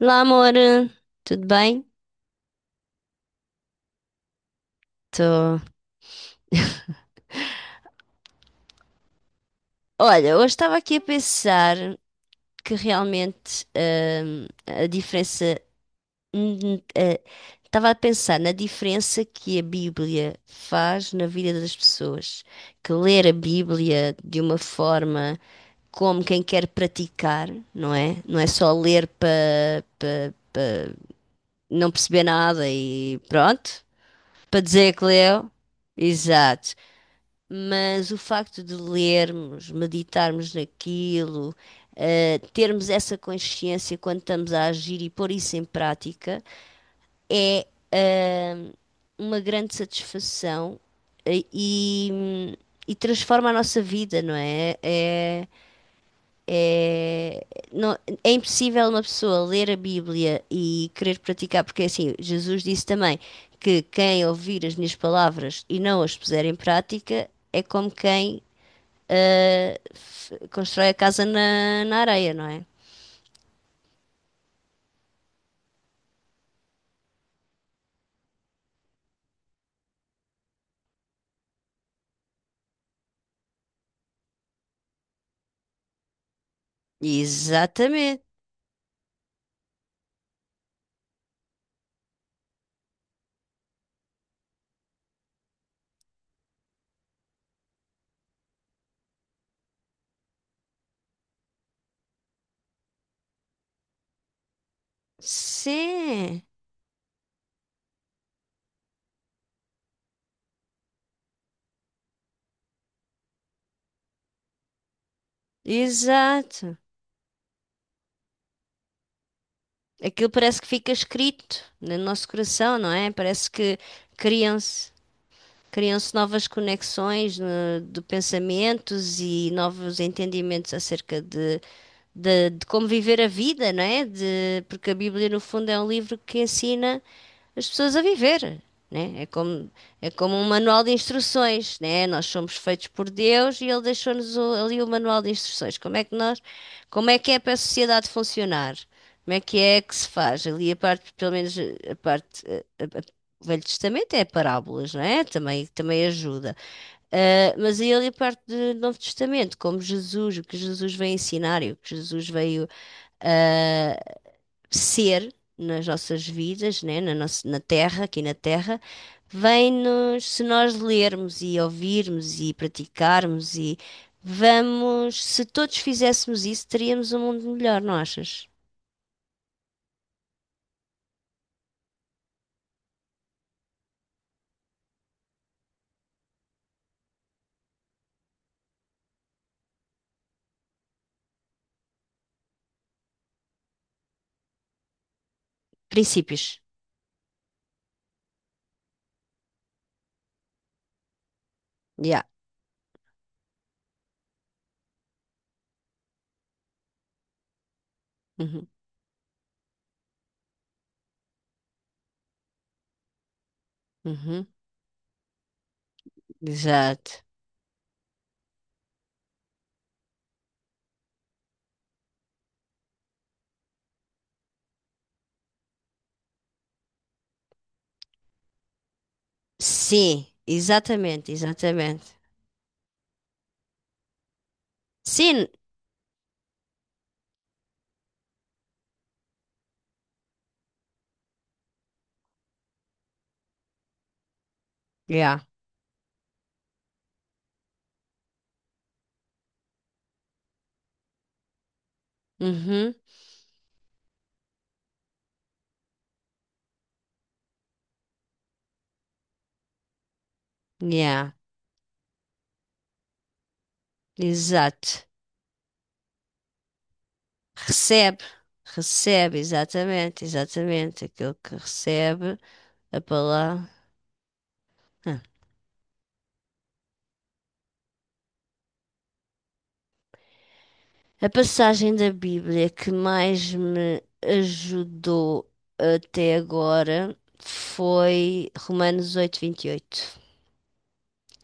Olá, amor, tudo bem? Tô. Olha, hoje estava aqui a pensar que realmente a diferença. hum, eh, Estava a pensar na diferença que a Bíblia faz na vida das pessoas. Que ler a Bíblia de uma forma como quem quer praticar, não é? Não é só ler para não perceber nada e pronto, para dizer que leu. Exato. Mas o facto de lermos, meditarmos naquilo, termos essa consciência quando estamos a agir e pôr isso em prática, é uma grande satisfação eh, e, e transforma a nossa vida, não é? É, não- É impossível uma pessoa ler a Bíblia e querer praticar, porque assim, Jesus disse também que quem ouvir as minhas palavras e não as puser em prática é como quem constrói a casa na areia, não é? Exatamente. Sim, exato. Aquilo parece que fica escrito no nosso coração, não é? Parece que criam-se criam-se novas conexões de pensamentos e novos entendimentos acerca de como viver a vida, não é? De, porque a Bíblia, no fundo, é um livro que ensina as pessoas a viver, né? É como um manual de instruções, né? Nós somos feitos por Deus e Ele deixou-nos ali o manual de instruções. Como é que é para a sociedade funcionar? Como é que se faz? Ali a parte, pelo menos a parte, a- o Velho Testamento é parábolas, não é? Também, também ajuda. Ah, mas aí ali a parte do Novo Testamento, como Jesus, o que Jesus veio ensinar e o que Jesus veio ah, ser nas nossas vidas, né, na nossa, na terra, aqui na terra, vem-nos, se nós lermos e ouvirmos e praticarmos e vamos, se todos fizéssemos isso, teríamos um mundo melhor, não achas? Princípios. Yeah. Uhum. Uhum. Exato. Sim, exatamente, exatamente. Sim. Yeah. Uhum. Yeah, exato. Recebe, recebe, exatamente, exatamente. Aquele que recebe a palavra. Ah. A passagem da Bíblia que mais me ajudou até agora foi Romanos 8:28.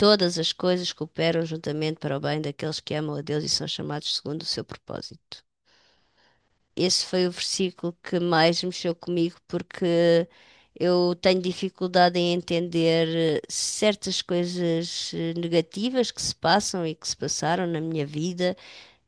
Todas as coisas cooperam juntamente para o bem daqueles que amam a Deus e são chamados segundo o seu propósito. Esse foi o versículo que mais mexeu comigo porque eu tenho dificuldade em entender certas coisas negativas que se passam e que se passaram na minha vida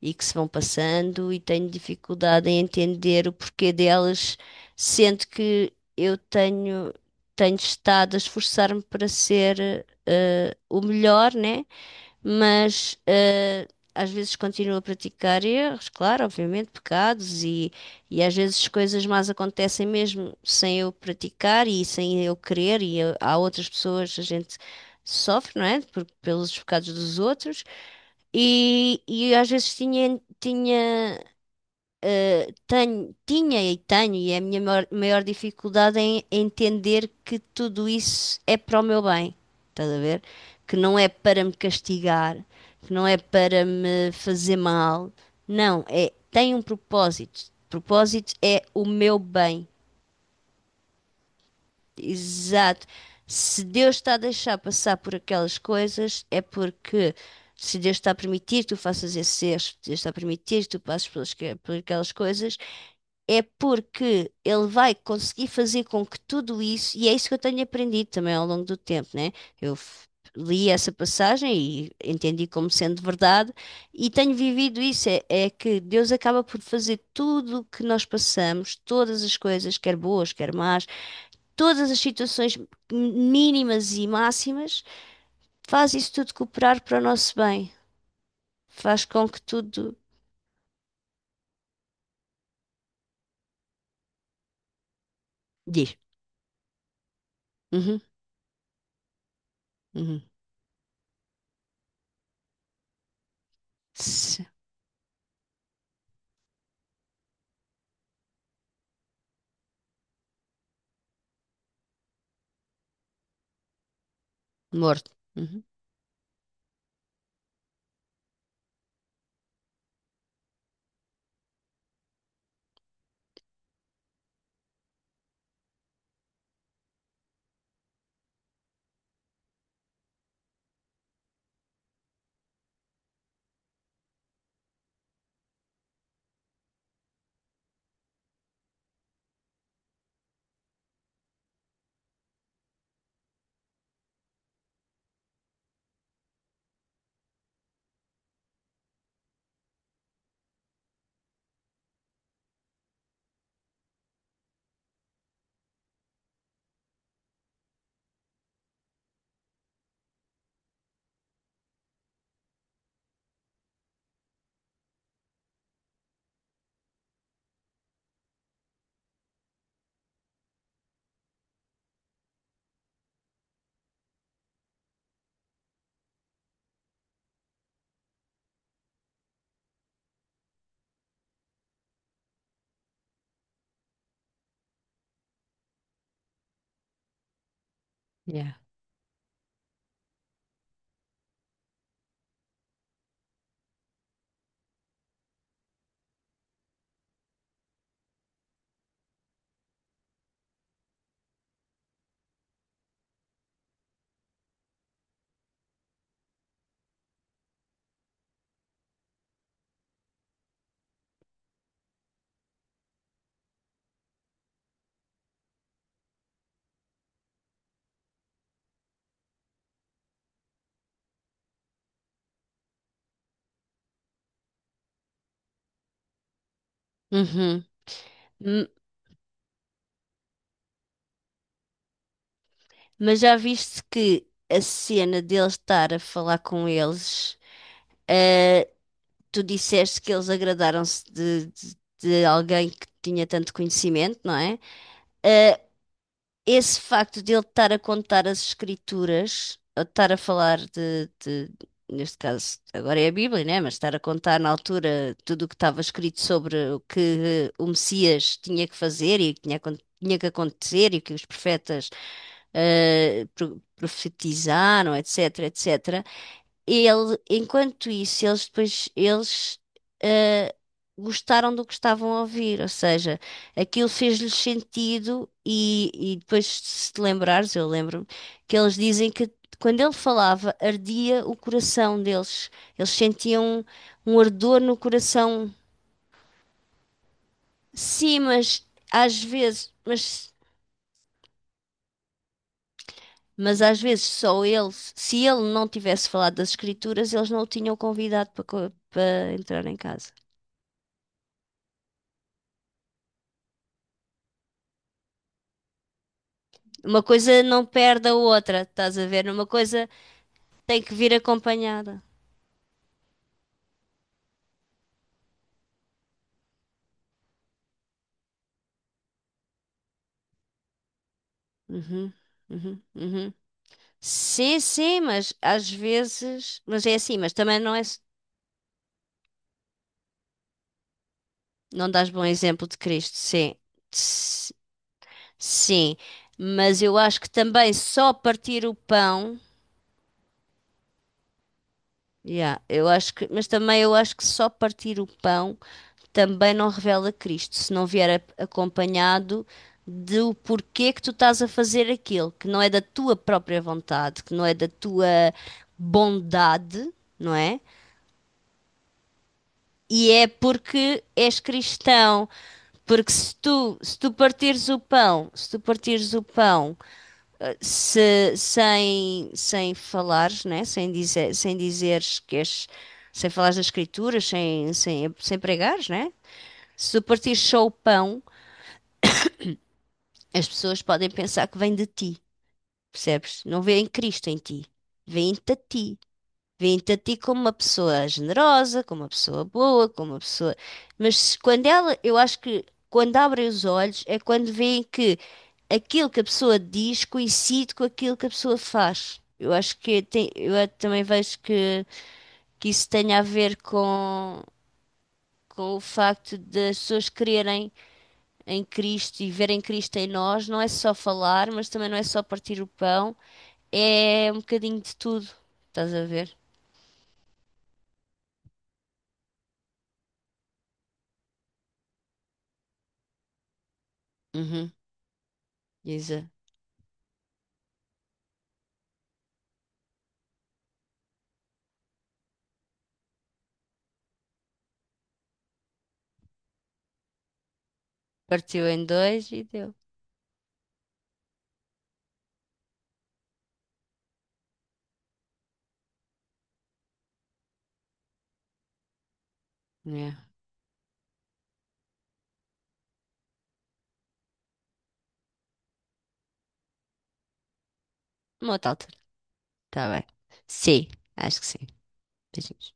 e que se vão passando, e tenho dificuldade em entender o porquê delas, sendo que eu tenho, tenho estado a esforçar-me para ser o melhor, né? mas eh, Às vezes continuo a praticar erros, claro, obviamente, pecados, e às vezes coisas más acontecem mesmo sem eu praticar e sem eu querer, há outras pessoas, a gente sofre, não é? Por, pelos pecados dos outros, e às vezes tinha e tenho, e é a minha maior dificuldade em entender que tudo isso é para o meu bem, estás a ver? Que não é para me castigar, que não é para me fazer mal, não, é, tem um propósito. O Propósito é o meu bem, exato. Se Deus está a deixar passar por aquelas coisas, é porque se Deus está a permitir que tu faças esses erros, se Deus está a permitir que tu passes por aquelas coisas é porque ele vai conseguir fazer com que tudo isso, e é isso que eu tenho aprendido também ao longo do tempo, né? Eu f- Li essa passagem e entendi como sendo verdade, e tenho vivido isso, é que Deus acaba por fazer tudo o que nós passamos, todas as coisas, quer boas, quer más, todas as situações mínimas e máximas, faz isso tudo cooperar para o nosso bem, faz com que tudo diz. Uhum, uhum. Se- Morto. Uhum. Yeah. Uhum. M- Mas já viste que a cena dele estar a falar com eles, eh, tu disseste que eles agradaram-se de alguém que tinha tanto conhecimento, não é? Eh, esse facto de ele estar a contar as escrituras, ou de estar a falar neste caso, agora é a Bíblia, né? Mas estar a contar na altura tudo o que estava escrito sobre o que o Messias tinha que fazer e o que tinha que acontecer e o que os profetas profetizaram, etc, etc. Ele, enquanto isso, eles depois eh, gostaram do que estavam a ouvir, ou seja, aquilo fez-lhes sentido e depois se te lembrares, eu lembro-me que eles dizem que quando ele falava ardia o coração deles, eles sentiam um ardor no coração. Sim, às vezes, mas Mas às vezes só ele, se ele não tivesse falado das escrituras, eles não o tinham convidado para, para entrar em casa. Uma coisa não perde a outra, estás a ver? Uma coisa tem que vir acompanhada. Uhum, uhum, uhum. Sim, sim, mas às vezes. Mas é assim, mas também não é. Não dás bom exemplo de Cristo, sim. Ts- Sim, mas eu acho que também só partir o pão. Yeah, eu acho que, mas também eu acho que só partir o pão também não revela Cristo, se não vier acompanhado do porquê que tu estás a fazer aquilo, que não é da tua própria vontade, que não é da tua bondade, não é? E é porque és cristão, porque se tu partires o pão, se tu partires o pão sem falares, né? Sem dizeres que és, sem falares das escrituras, sem pregares, né? Se tu partires só o pão, as pessoas podem pensar que vem de ti, percebes? Não vêem Cristo em ti, vêem-te a ti. Vem te a ti como uma pessoa generosa, como uma pessoa boa, como uma pessoa. Quando ela, eu acho que quando abrem os olhos é quando veem que aquilo que a pessoa diz coincide com aquilo que a pessoa faz. Eu acho que tem, também vejo que isso tenha a ver com o facto das pessoas crerem em Cristo e verem Cristo em nós. Não é só falar, mas também não é só partir o pão. É um bocadinho de tudo. Estás a ver? Uhum, exato. Partiu em dois e deu. É. Uma outra altura. Tá bem. Sim, acho que sim. Beijinhos.